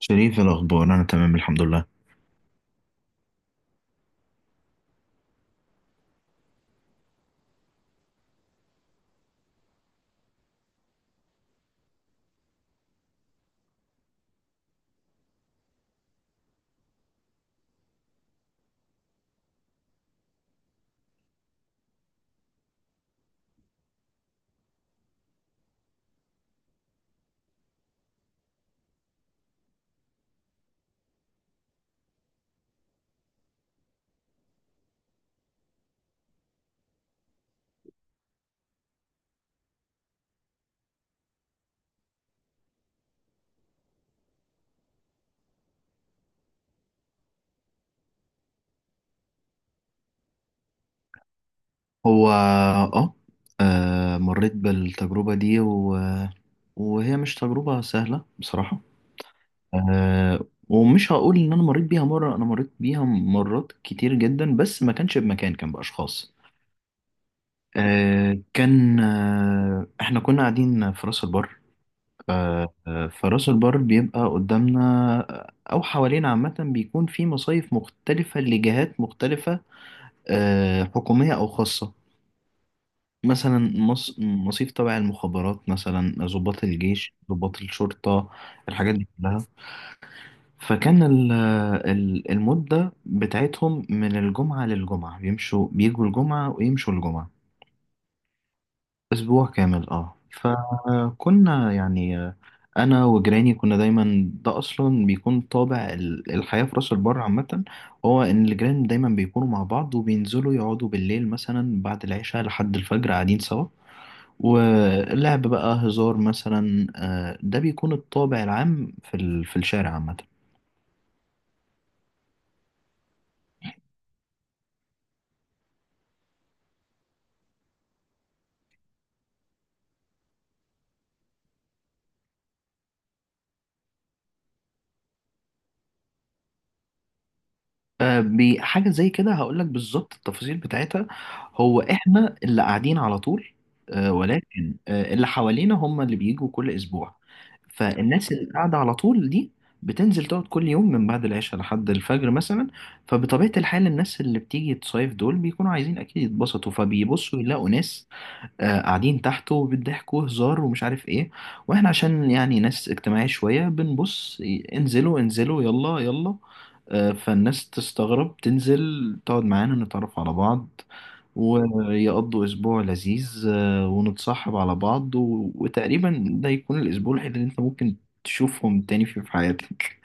شريف، إيه الأخبار؟ أنا تمام، الحمد لله. هو مريت بالتجربة دي وهي مش تجربة سهلة بصراحة. ومش هقول إن أنا مريت بيها مرة، أنا مريت بيها مرات كتير جدا، بس ما كانش بمكان، كان بأشخاص. آه كان آه إحنا كنا قاعدين في راس البر. فراس البر بيبقى قدامنا، أو حوالينا عامة بيكون في مصايف مختلفة لجهات مختلفة، حكومية أو خاصة. مثلا مصيف تبع المخابرات، مثلا ضباط الجيش، ضباط الشرطة، الحاجات دي كلها. فكان المدة بتاعتهم من الجمعة للجمعة، بيمشوا بيجوا الجمعة ويمشوا الجمعة. أسبوع كامل. اه فكنا يعني، أنا وجيراني كنا دايما. ده أصلا بيكون طابع الحياة في راس البر عامة. هو إن الجيران دايما بيكونوا مع بعض، وبينزلوا يقعدوا بالليل مثلا بعد العشاء لحد الفجر قاعدين سوا. واللعب بقى هزار مثلا. ده بيكون الطابع العام في الشارع عامة. حاجة زي كده، هقول لك بالظبط التفاصيل بتاعتها. هو احنا اللي قاعدين على طول، ولكن، اللي حوالينا هم اللي بيجوا كل اسبوع. فالناس اللي قاعدة على طول دي بتنزل تقعد كل يوم من بعد العشاء لحد الفجر مثلا. فبطبيعة الحال، الناس اللي بتيجي تصيف دول بيكونوا عايزين أكيد يتبسطوا، فبيبصوا يلاقوا ناس قاعدين تحته بيضحكوا هزار، ومش عارف ايه. واحنا عشان يعني ناس اجتماعية شوية، بنبص: انزلوا انزلوا، يلا يلا. فالناس تستغرب، تنزل تقعد معانا، نتعرف على بعض، ويقضوا أسبوع لذيذ، ونتصاحب على بعض وتقريبا ده يكون الأسبوع الوحيد اللي أنت ممكن تشوفهم تاني فيه في حياتك.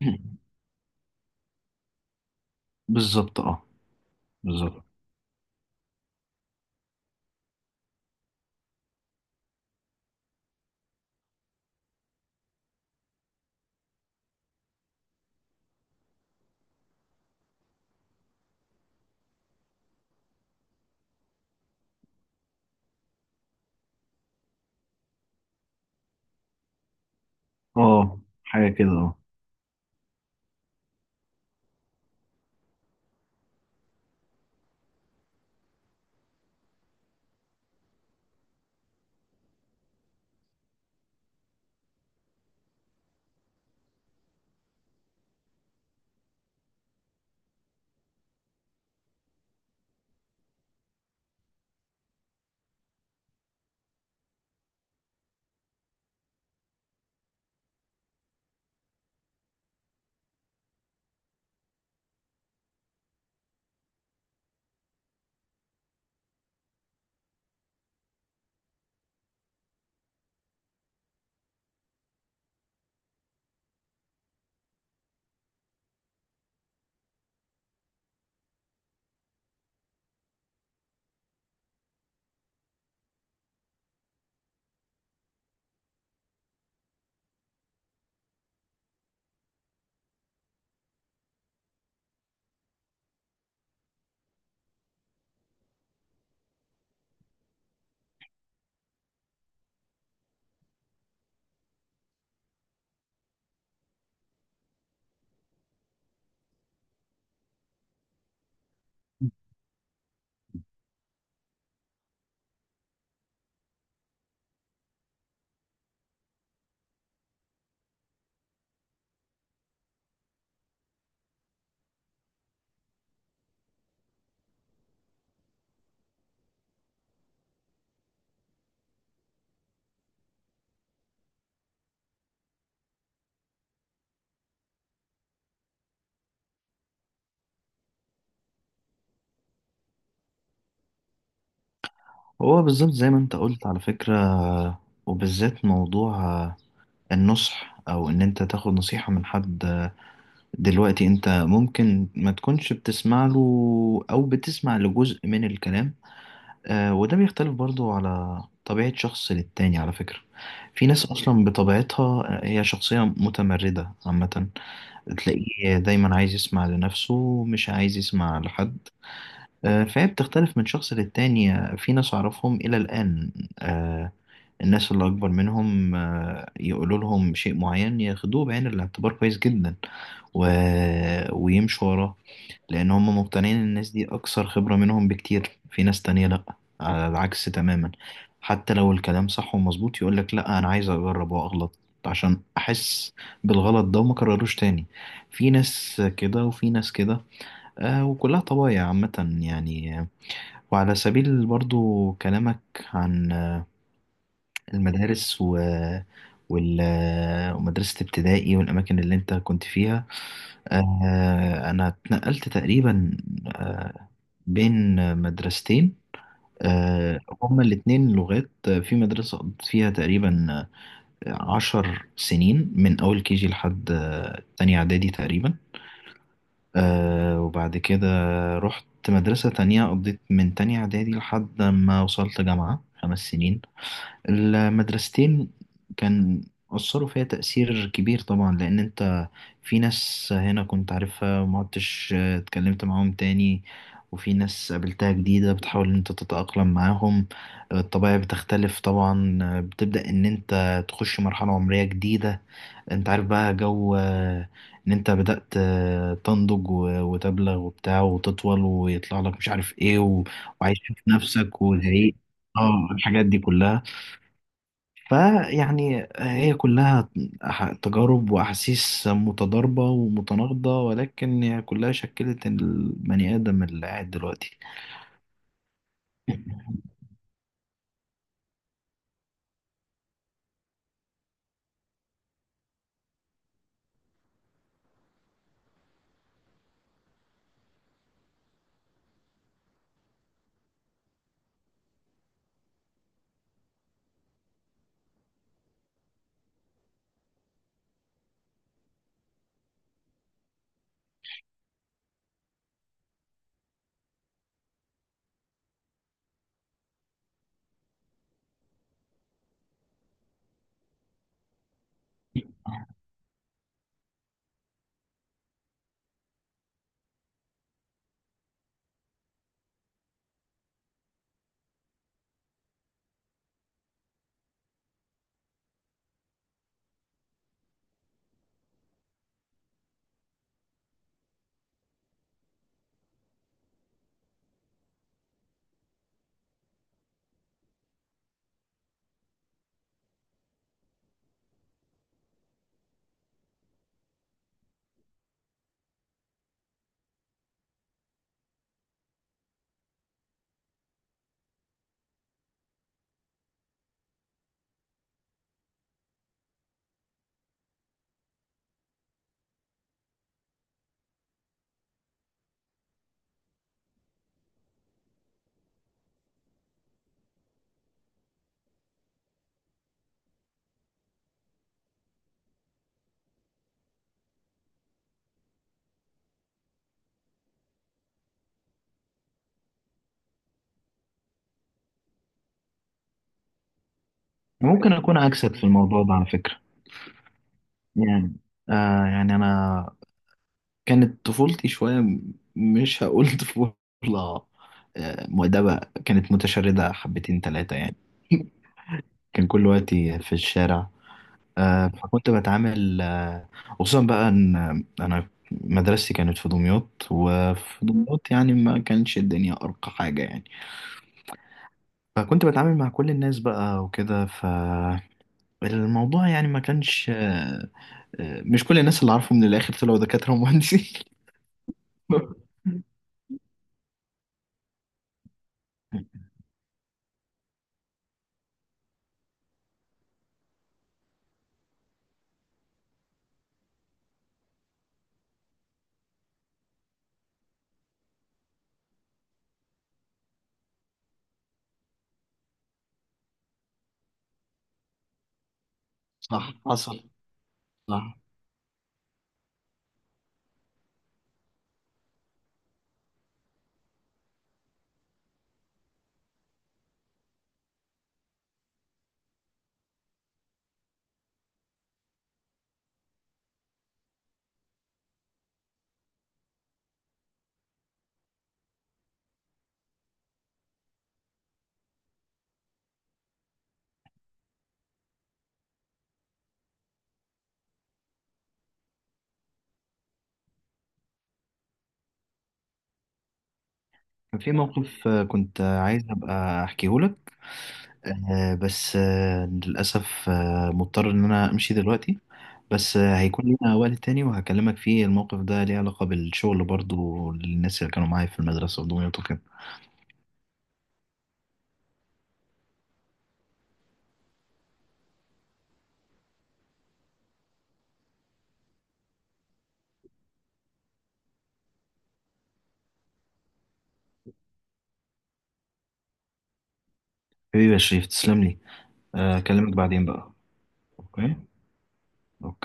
بالظبط، اه. بالظبط، اه. حاجة كده، اه. هو بالظبط زي ما أنت قلت على فكرة، وبالذات موضوع النصح، او ان انت تاخد نصيحة من حد. دلوقتي انت ممكن ما تكونش بتسمع له، او بتسمع لجزء من الكلام. وده بيختلف برضو على طبيعة شخص للتاني، على فكرة. في ناس اصلا بطبيعتها هي شخصية متمردة عامة، تلاقيه دايما عايز يسمع لنفسه، مش عايز يسمع لحد. فهي بتختلف من شخص للتاني. في ناس أعرفهم إلى الآن، آه، الناس اللي أكبر منهم، يقولوا لهم شيء معين، ياخدوه بعين الاعتبار كويس جدا و... ويمشوا وراه، لأن هم مقتنعين إن الناس دي أكثر خبرة منهم بكتير. في ناس تانية لأ، على العكس تماما. حتى لو الكلام صح ومظبوط، يقولك لأ، أنا عايز أجرب وأغلط عشان أحس بالغلط ده وما كرروش تاني. في ناس كده وفي ناس كده. وكلها طبايع عامة يعني. وعلى سبيل برضو كلامك عن المدارس و وال- آه، ومدرسة ابتدائي والأماكن اللي أنت كنت فيها، أنا اتنقلت تقريبا آه، بين مدرستين، هما الاتنين لغات. في مدرسة قضيت فيها تقريبا، 10 سنين، من أول كيجي لحد تانية إعدادي تقريبا. وبعد كده رحت مدرسة تانية، قضيت من تانية إعدادي لحد ما وصلت جامعة، 5 سنين. المدرستين كان أثروا فيا تأثير كبير طبعا، لأن أنت في ناس هنا كنت عارفها ما عدتش اتكلمت معاهم تاني، وفي ناس قابلتها جديدة بتحاول إن أنت تتأقلم معاهم. الطبيعة بتختلف طبعا، بتبدأ إن أنت تخش مرحلة عمرية جديدة. انت عارف بقى جو، ان انت بدأت تنضج وتبلغ وبتاع وتطول، ويطلع لك مش عارف ايه وعايش في نفسك والهيئ. اه الحاجات دي كلها، فيعني هي كلها تجارب واحاسيس متضاربة ومتناقضة، ولكن هي كلها شكلت البني ادم اللي قاعد دلوقتي. ممكن اكون عكسك في الموضوع ده على فكرة. يعني يعني انا كانت طفولتي شوية، مش هقول طفولة مؤدبة. كانت متشردة حبتين تلاتة يعني. كان كل وقتي في الشارع. فكنت بتعامل، خصوصا بقى ان انا مدرستي كانت في دمياط، وفي دمياط يعني ما كانش الدنيا ارقى حاجة يعني. فكنت بتعامل مع كل الناس بقى وكده. فالموضوع يعني ما كانش مش كل الناس اللي عارفه من الاخر طلعوا دكاترة ومهندسين. صح، حصل. صح، كان في موقف، كنت عايز ابقى احكيه لك، بس، للاسف، مضطر ان انا امشي دلوقتي. بس، هيكون لنا وقت تاني وهكلمك فيه. الموقف ده ليه علاقة بالشغل برضو، للناس اللي كانوا معايا في المدرسة في دمياط وكده. حبيبي يا شريف، تسلم لي. اكلمك بعدين بقى. اوكي، اوكي.